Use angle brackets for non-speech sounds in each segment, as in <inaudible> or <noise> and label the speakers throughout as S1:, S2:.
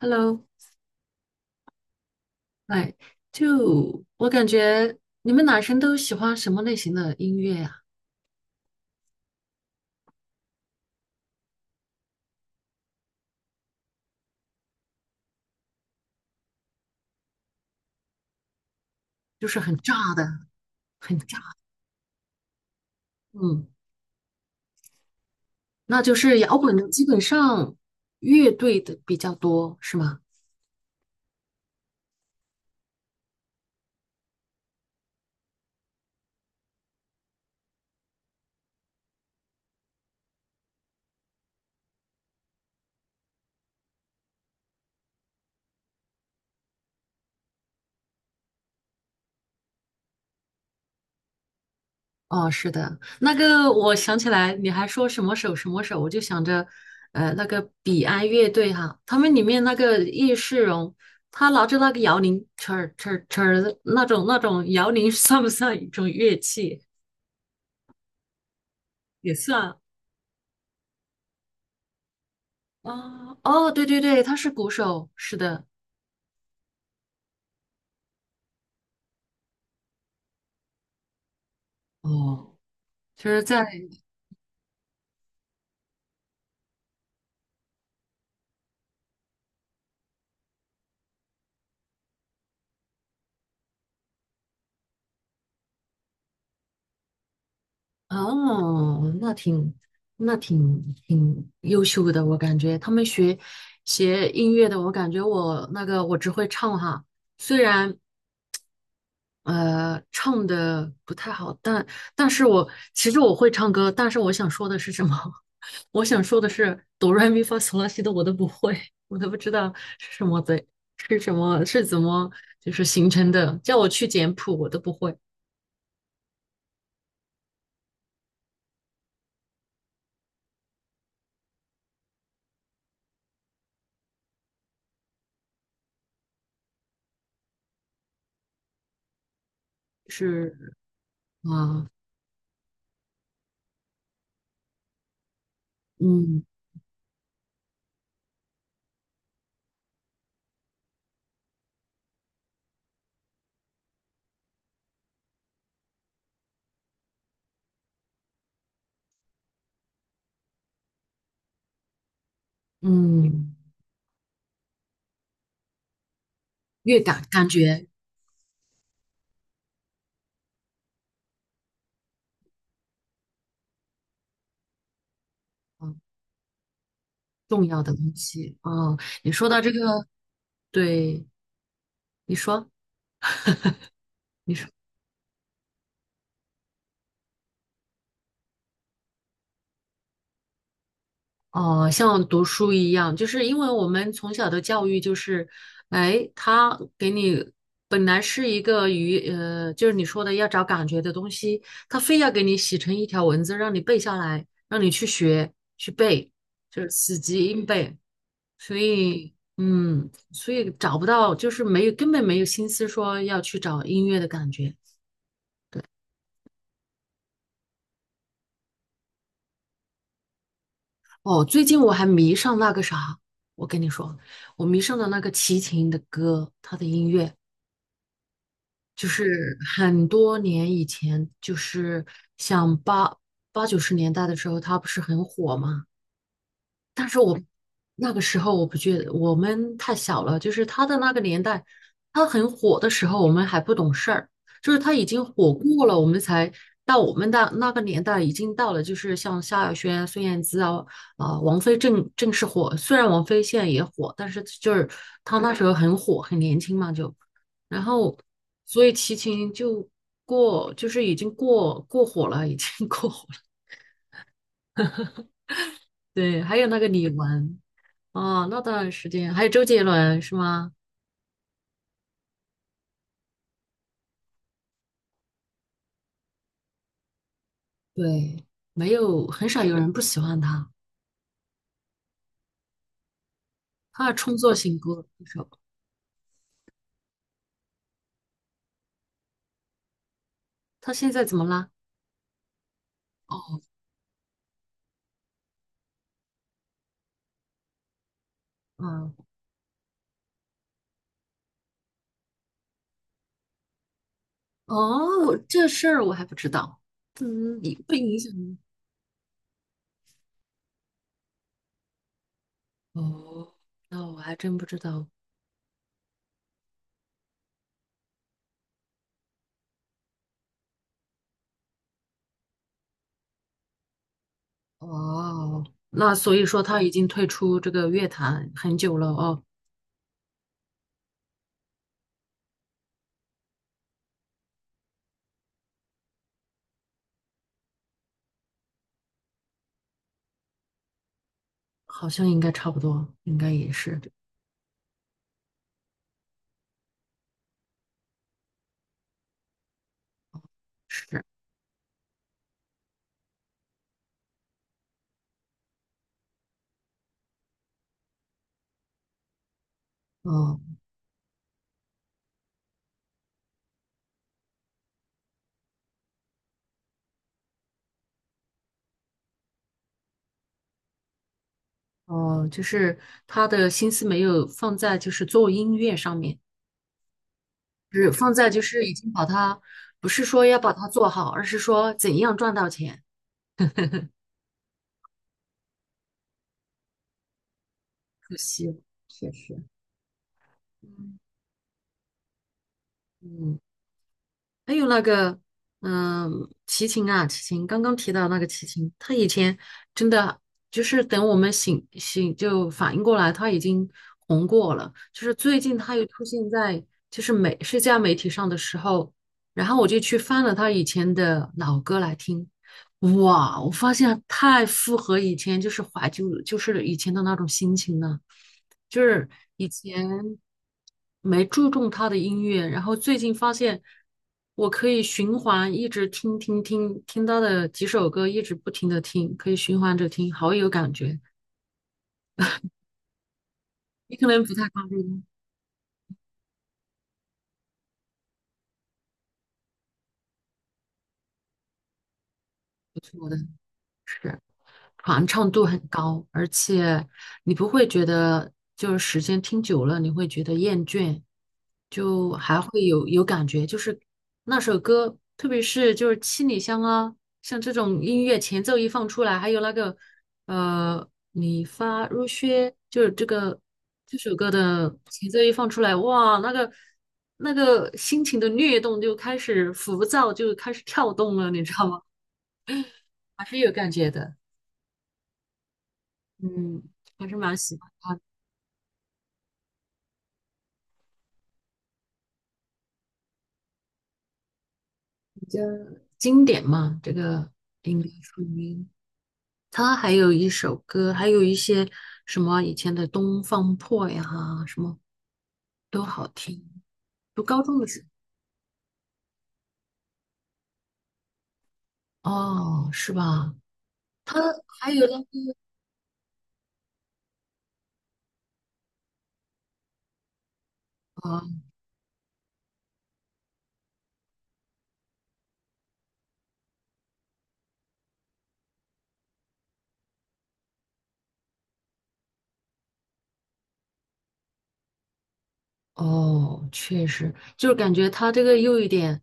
S1: Hello，哎，就我感觉你们男生都喜欢什么类型的音乐呀、就是很炸的，很炸。嗯，那就是摇滚的，基本上乐队的比较多，是吗？哦，是的。那个我想起来，你还说什么手什么手，我就想着，那个彼岸乐队哈、他们里面那个叶世荣，他拿着那个摇铃，呲儿呲儿呲儿的那种摇铃，算不算一种乐器？也算。啊，哦，对对对，他是鼓手，是的。哦，其实，在，哦，那挺优秀的，我感觉他们学音乐的，我感觉我那个我只会唱哈，虽然唱的不太好，但是我其实我会唱歌，但是我想说的是什么？<laughs> 我想说的是哆来咪发嗦拉西哆我都不会，我都不知道是什么的，是什么是怎么就是形成的，叫我去简谱我都不会，是啊，嗯嗯，乐感感觉啊，重要的东西啊，你说到这个，对，你说你说。哦，像读书一样，就是因为我们从小的教育就是，哎，他给你本来是一个鱼，呃，就是你说的要找感觉的东西，他非要给你写成一条文字，让你背下来，让你去学去背，就是死记硬背。所以，嗯，所以找不到，就是没有，根本没有心思说要去找音乐的感觉。哦，最近我还迷上那个啥，我跟你说，我迷上了那个齐秦的歌，他的音乐。就是很多年以前，就是像八九十年代的时候，它不是很火吗？但是我不那个时候我不觉得我们太小了，就是他的那个年代，他很火的时候，我们还不懂事儿，就是他已经火过了，我们才到我们的那个年代，已经到了就是像萧亚轩、孙燕姿啊、王菲正式火，虽然王菲现在也火，但是就是她那时候很火，很年轻嘛就，然后所以齐秦就过就是已经过火了，已经 <laughs> 过火了，对，还有那个李玟。啊，那段时间还有周杰伦是吗？对，没有，很少有人不喜欢他，他的创作型歌手，他现在怎么啦？哦，嗯，哦，这事儿我还不知道，嗯，你不影响吗哦，那我还真不知道。哦，那所以说他已经退出这个乐坛很久了哦，好像应该差不多，应该也是，是，哦哦，就是他的心思没有放在就是做音乐上面。是放在就是已经把它，不是说要把它做好，而是说怎样赚到钱。可惜了，确实，嗯。嗯。还有那个，嗯，齐秦啊，齐秦，刚刚提到那个齐秦，他以前真的就是等我们醒醒就反应过来，他已经红过了。就是最近他又出现在就是美社交媒体上的时候，然后我就去翻了他以前的老歌来听，哇，我发现太符合以前就是怀旧，就是以前的那种心情了。就是以前没注重他的音乐，然后最近发现我可以循环一直听他的几首歌，一直不停的听，可以循环着听，好有感觉。你可能不太关注，不错的是。传唱度很高，而且你不会觉得就是时间听久了你会觉得厌倦，就还会有感觉，就是那首歌，特别是就是七里香啊，像这种音乐前奏一放出来，还有那个你发如雪，就是这个这首歌的前奏一放出来，哇，那个心情的律动就开始浮躁，就开始跳动了，你知道吗？还是有感觉的。嗯，还是蛮喜欢他的比较经典嘛。这个应该属于他还有一首歌，还有一些什么以前的《东方破》呀，什么都好听。读高中的时候，哦，是吧？他还有那个。呃哦，确实，就是感觉他这个又一点，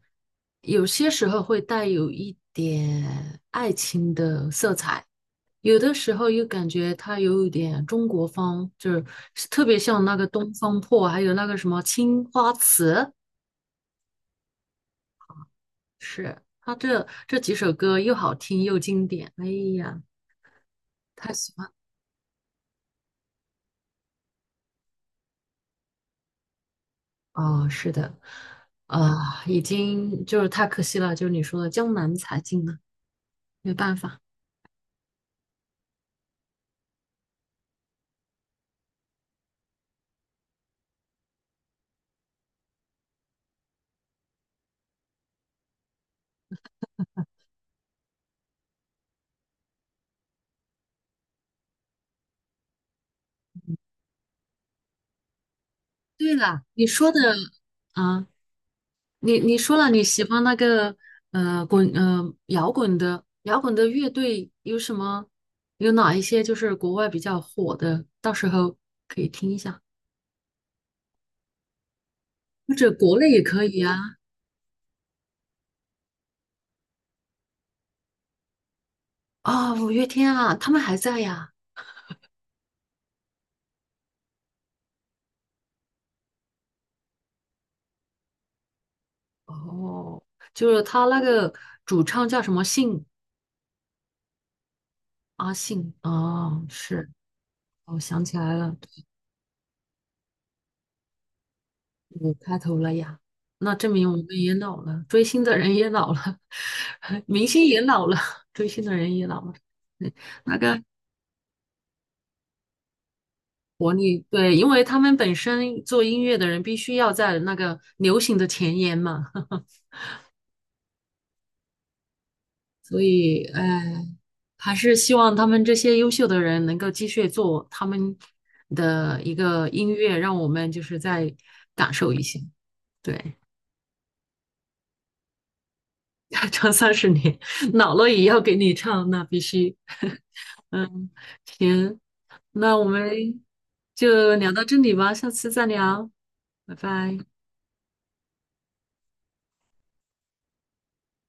S1: 有些时候会带有一点爱情的色彩，有的时候又感觉他有一点中国风，就是特别像那个《东方破》，还有那个什么《青花瓷》，是他这几首歌又好听又经典，哎呀，太喜欢哦，是的，啊，已经就是太可惜了，就是你说的江南才尽了，没办法。对了，你说的啊，你说了你喜欢那个呃滚呃摇滚的摇滚的乐队有什么？有哪一些就是国外比较火的？到时候你想，或者国内也可以啊。啊、五月天啊，他们还在呀。哦，就是他那个主唱叫什么信？阿信。哦，是，我想起来了。嗯，开头了呀，那证明我们也老了，追星的人也老了，<laughs> 明星也老了，追星的人也老了。嗯，那个国内，对，因为他们本身做音乐的人必须要在那个流行的前沿嘛，<laughs> 所以，哎，还是希望他们这些优秀的人能够继续做他们的一个音乐，让我们就是再感受一些，对，<laughs> 唱30年，老了也要给你唱，那必须。<laughs> 嗯，行，那我们就聊到这里吧，下次再聊，拜拜。